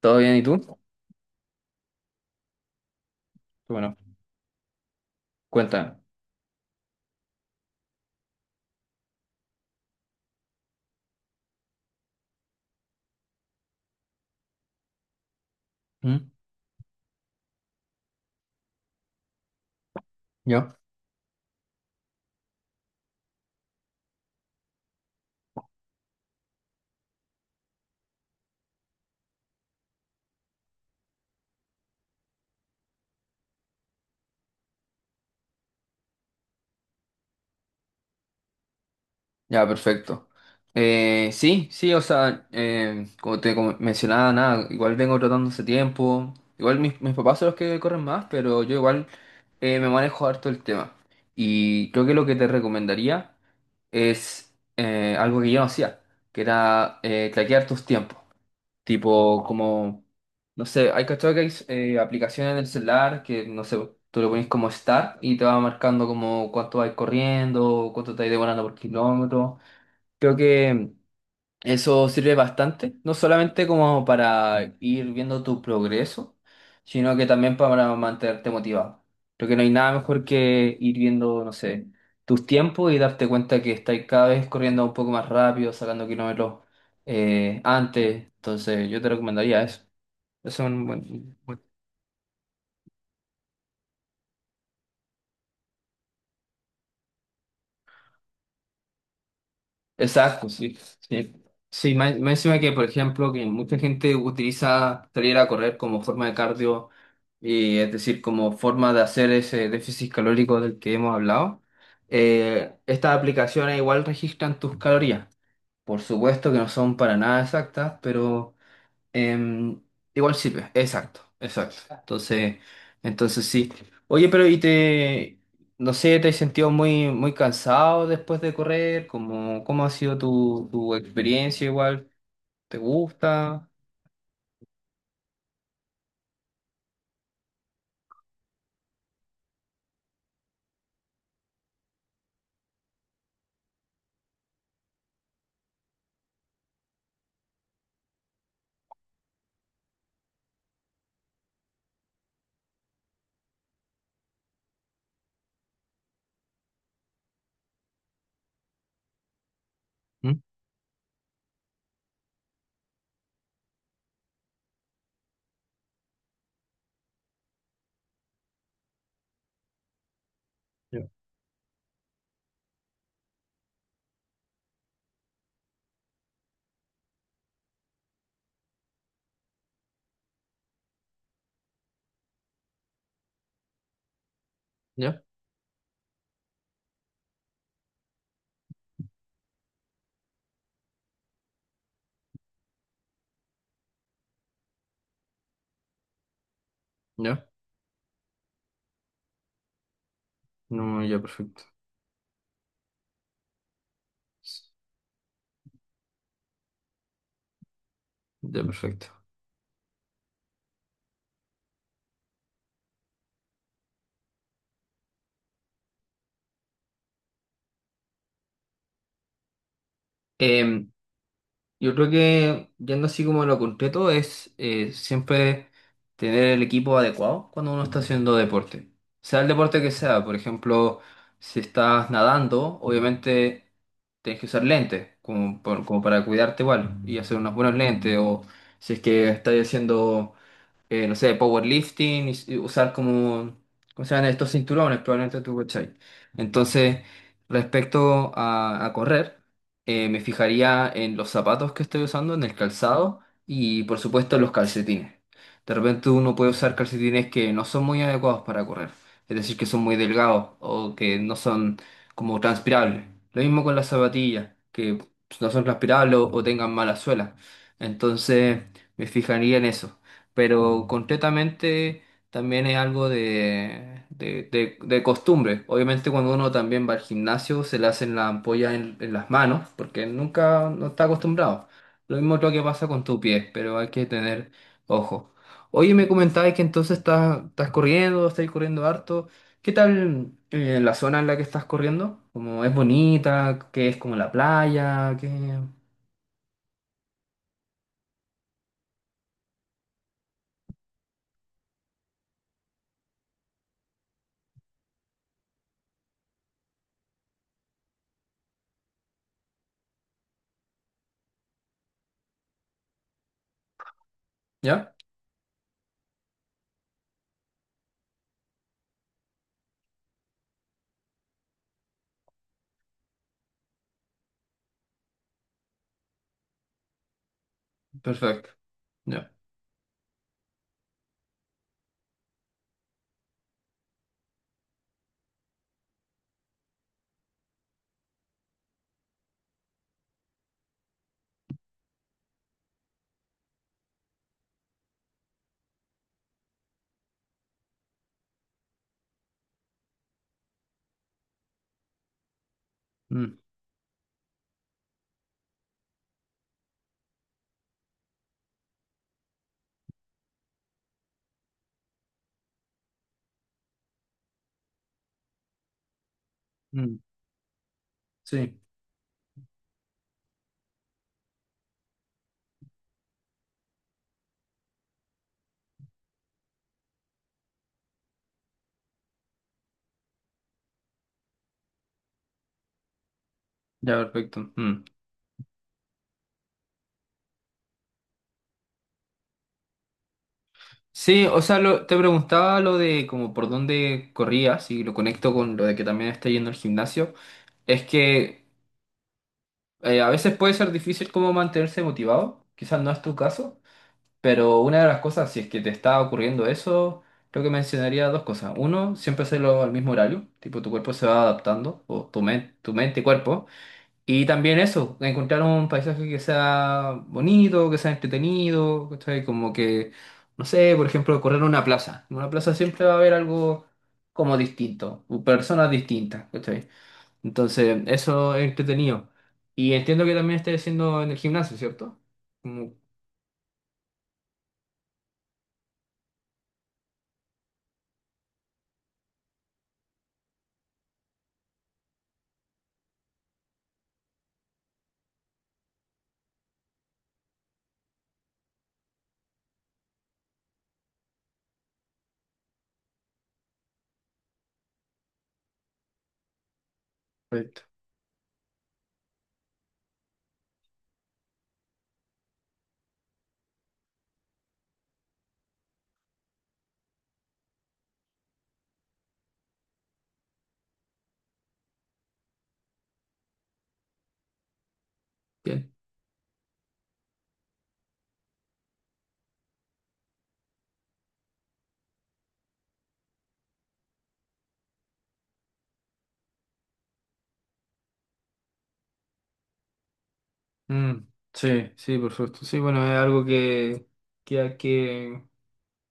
¿Todo bien? ¿Y tú? Bueno, cuéntame. ¿Mm? ¿Yo? Ya, perfecto. Sí, sí, o sea, como te como mencionaba, nada, igual vengo tratando hace tiempo. Igual mis papás son los que corren más, pero yo igual me manejo harto el tema. Y creo que lo que te recomendaría es algo que yo no hacía, que era traquear tus tiempos. Tipo, como, no sé, hay cachado que hay aplicaciones en el celular que, no sé, tú le pones como start y te va marcando como cuánto vas corriendo, cuánto te vas demorando por kilómetro. Creo que eso sirve bastante, no solamente como para ir viendo tu progreso, sino que también para mantenerte motivado. Creo que no hay nada mejor que ir viendo, no sé, tus tiempos y darte cuenta que estás cada vez corriendo un poco más rápido, sacando kilómetros antes. Entonces, yo te recomendaría eso. Eso es un buen. Exacto, sí, sí. Sí, más encima que, por ejemplo, que mucha gente utiliza salir a correr como forma de cardio, y es decir, como forma de hacer ese déficit calórico del que hemos hablado. Estas aplicaciones igual registran tus calorías. Por supuesto que no son para nada exactas, pero Em, igual sirve, exacto, exacto. Entonces, entonces sí. Oye, pero ¿y te, no sé, te has sentido muy cansado después de correr? ¿Cómo, cómo ha sido tu experiencia igual? ¿Te gusta? ¿Mm? Ya, ya, ya. No, ya, perfecto. Ya, perfecto. Yo creo que, yendo así como a lo concreto, es siempre tener el equipo adecuado cuando uno está haciendo deporte. Sea el deporte que sea, por ejemplo, si estás nadando, obviamente tienes que usar lentes, como, por- como para cuidarte igual, y hacer unos buenos lentes, o si es que estás haciendo no sé, powerlifting, y usar como, ¿cómo se llaman estos cinturones? Probablemente tú, ¿cachai? Entonces, respecto a correr, me fijaría en los zapatos que estoy usando, en el calzado y, por supuesto, en los calcetines. De repente uno puede usar calcetines que no son muy adecuados para correr, es decir, que son muy delgados o que no son como transpirables. Lo mismo con las zapatillas, que no son transpirables o tengan mala suela. Entonces, me fijaría en eso, pero concretamente también es algo de, de costumbre. Obviamente cuando uno también va al gimnasio se le hacen las ampollas en las manos porque nunca no está acostumbrado. Lo mismo creo que pasa con tu pie, pero hay que tener ojo. Oye, me comentabas que entonces estás, estás corriendo harto. ¿Qué tal la zona en la que estás corriendo? ¿Como es bonita? ¿Qué es como la playa? ¿Qué... ¿Ya? Perfecto. Ya. Mm, mm, sí. Ya, perfecto. Mm. Sí, o sea, lo- te preguntaba lo de como por dónde corrías y lo conecto con lo de que también está yendo al gimnasio. Es que a veces puede ser difícil como mantenerse motivado, quizás no es tu caso, pero una de las cosas, si es que te está ocurriendo eso, creo que mencionaría dos cosas. Uno, siempre hacerlo al mismo horario, tipo tu cuerpo se va adaptando, o tu, men- tu mente y cuerpo. Y también eso, encontrar un paisaje que sea bonito, que sea entretenido, ¿cachai? Como que, no sé, por ejemplo, correr en una plaza. En una plaza siempre va a haber algo como distinto, personas distintas, ¿cachai? Entonces, eso es entretenido. Y entiendo que también estés haciendo en el gimnasio, ¿cierto? Mm. Perfecto. Bien. Mm, sí, sí, por supuesto. Sí, bueno, es algo que hay que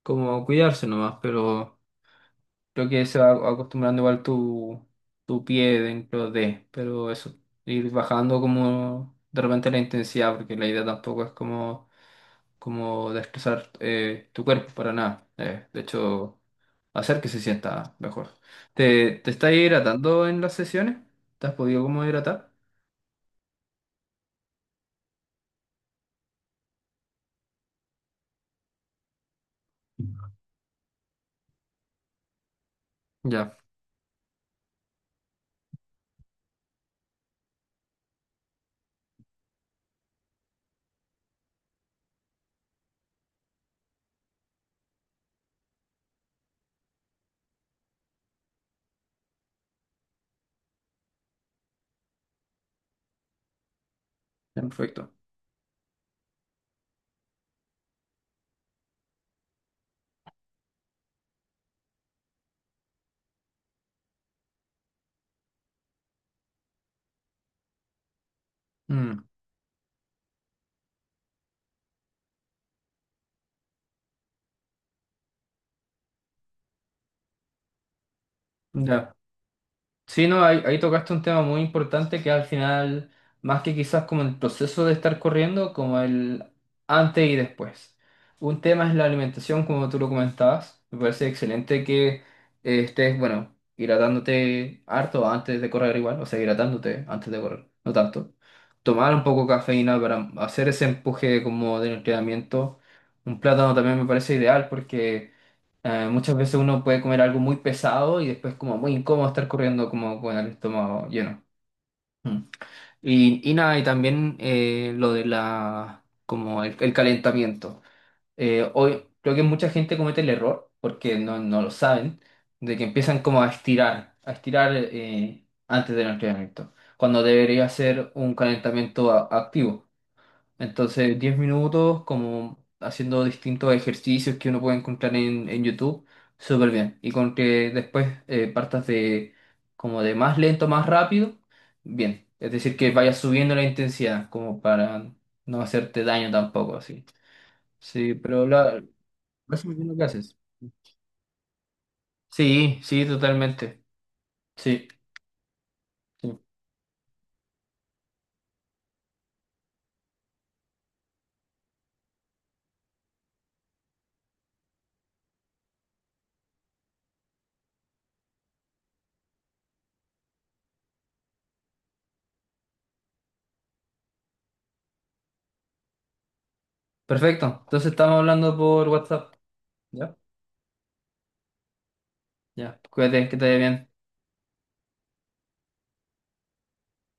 como cuidarse nomás, pero... Creo que se va acostumbrando igual tu, tu pie dentro de, pero eso, ir bajando como de repente la intensidad, porque la idea tampoco es como, como destrozar tu cuerpo para nada. De hecho, hacer que se sienta mejor. ¿Te, te estás hidratando en las sesiones? ¿Te has podido como hidratar? Ya, ya, perfecto. Mm, ya. Sí, no, ahí, ahí tocaste un tema muy importante que al final, más que quizás como el proceso de estar corriendo, como el antes y después. Un tema es la alimentación, como tú lo comentabas. Me parece excelente que estés, bueno, hidratándote harto antes de correr igual, o sea, hidratándote antes de correr, no tanto. Tomar un poco de cafeína para hacer ese empuje como de entrenamiento. Un plátano también me parece ideal porque... muchas veces uno puede comer algo muy pesado y después como muy incómodo estar corriendo como con el estómago lleno. Mm. Y nada, y también lo de la, como el calentamiento. Hoy creo que mucha gente comete el error, porque no, no lo saben, de que empiezan como a estirar antes del entrenamiento, cuando debería ser un calentamiento a- activo. Entonces, 10 minutos como haciendo distintos ejercicios que uno puede encontrar en YouTube, súper bien. Y con que después partas de como de más lento, más rápido, bien. Es decir, que vayas subiendo la intensidad, como para no hacerte daño tampoco, así. Sí, pero la, lo haces bien lo que haces. Sí, sí, totalmente. Sí, sí. Perfecto. Entonces estamos hablando por WhatsApp. ¿Ya? Ya. Cuídate, que te vaya bien.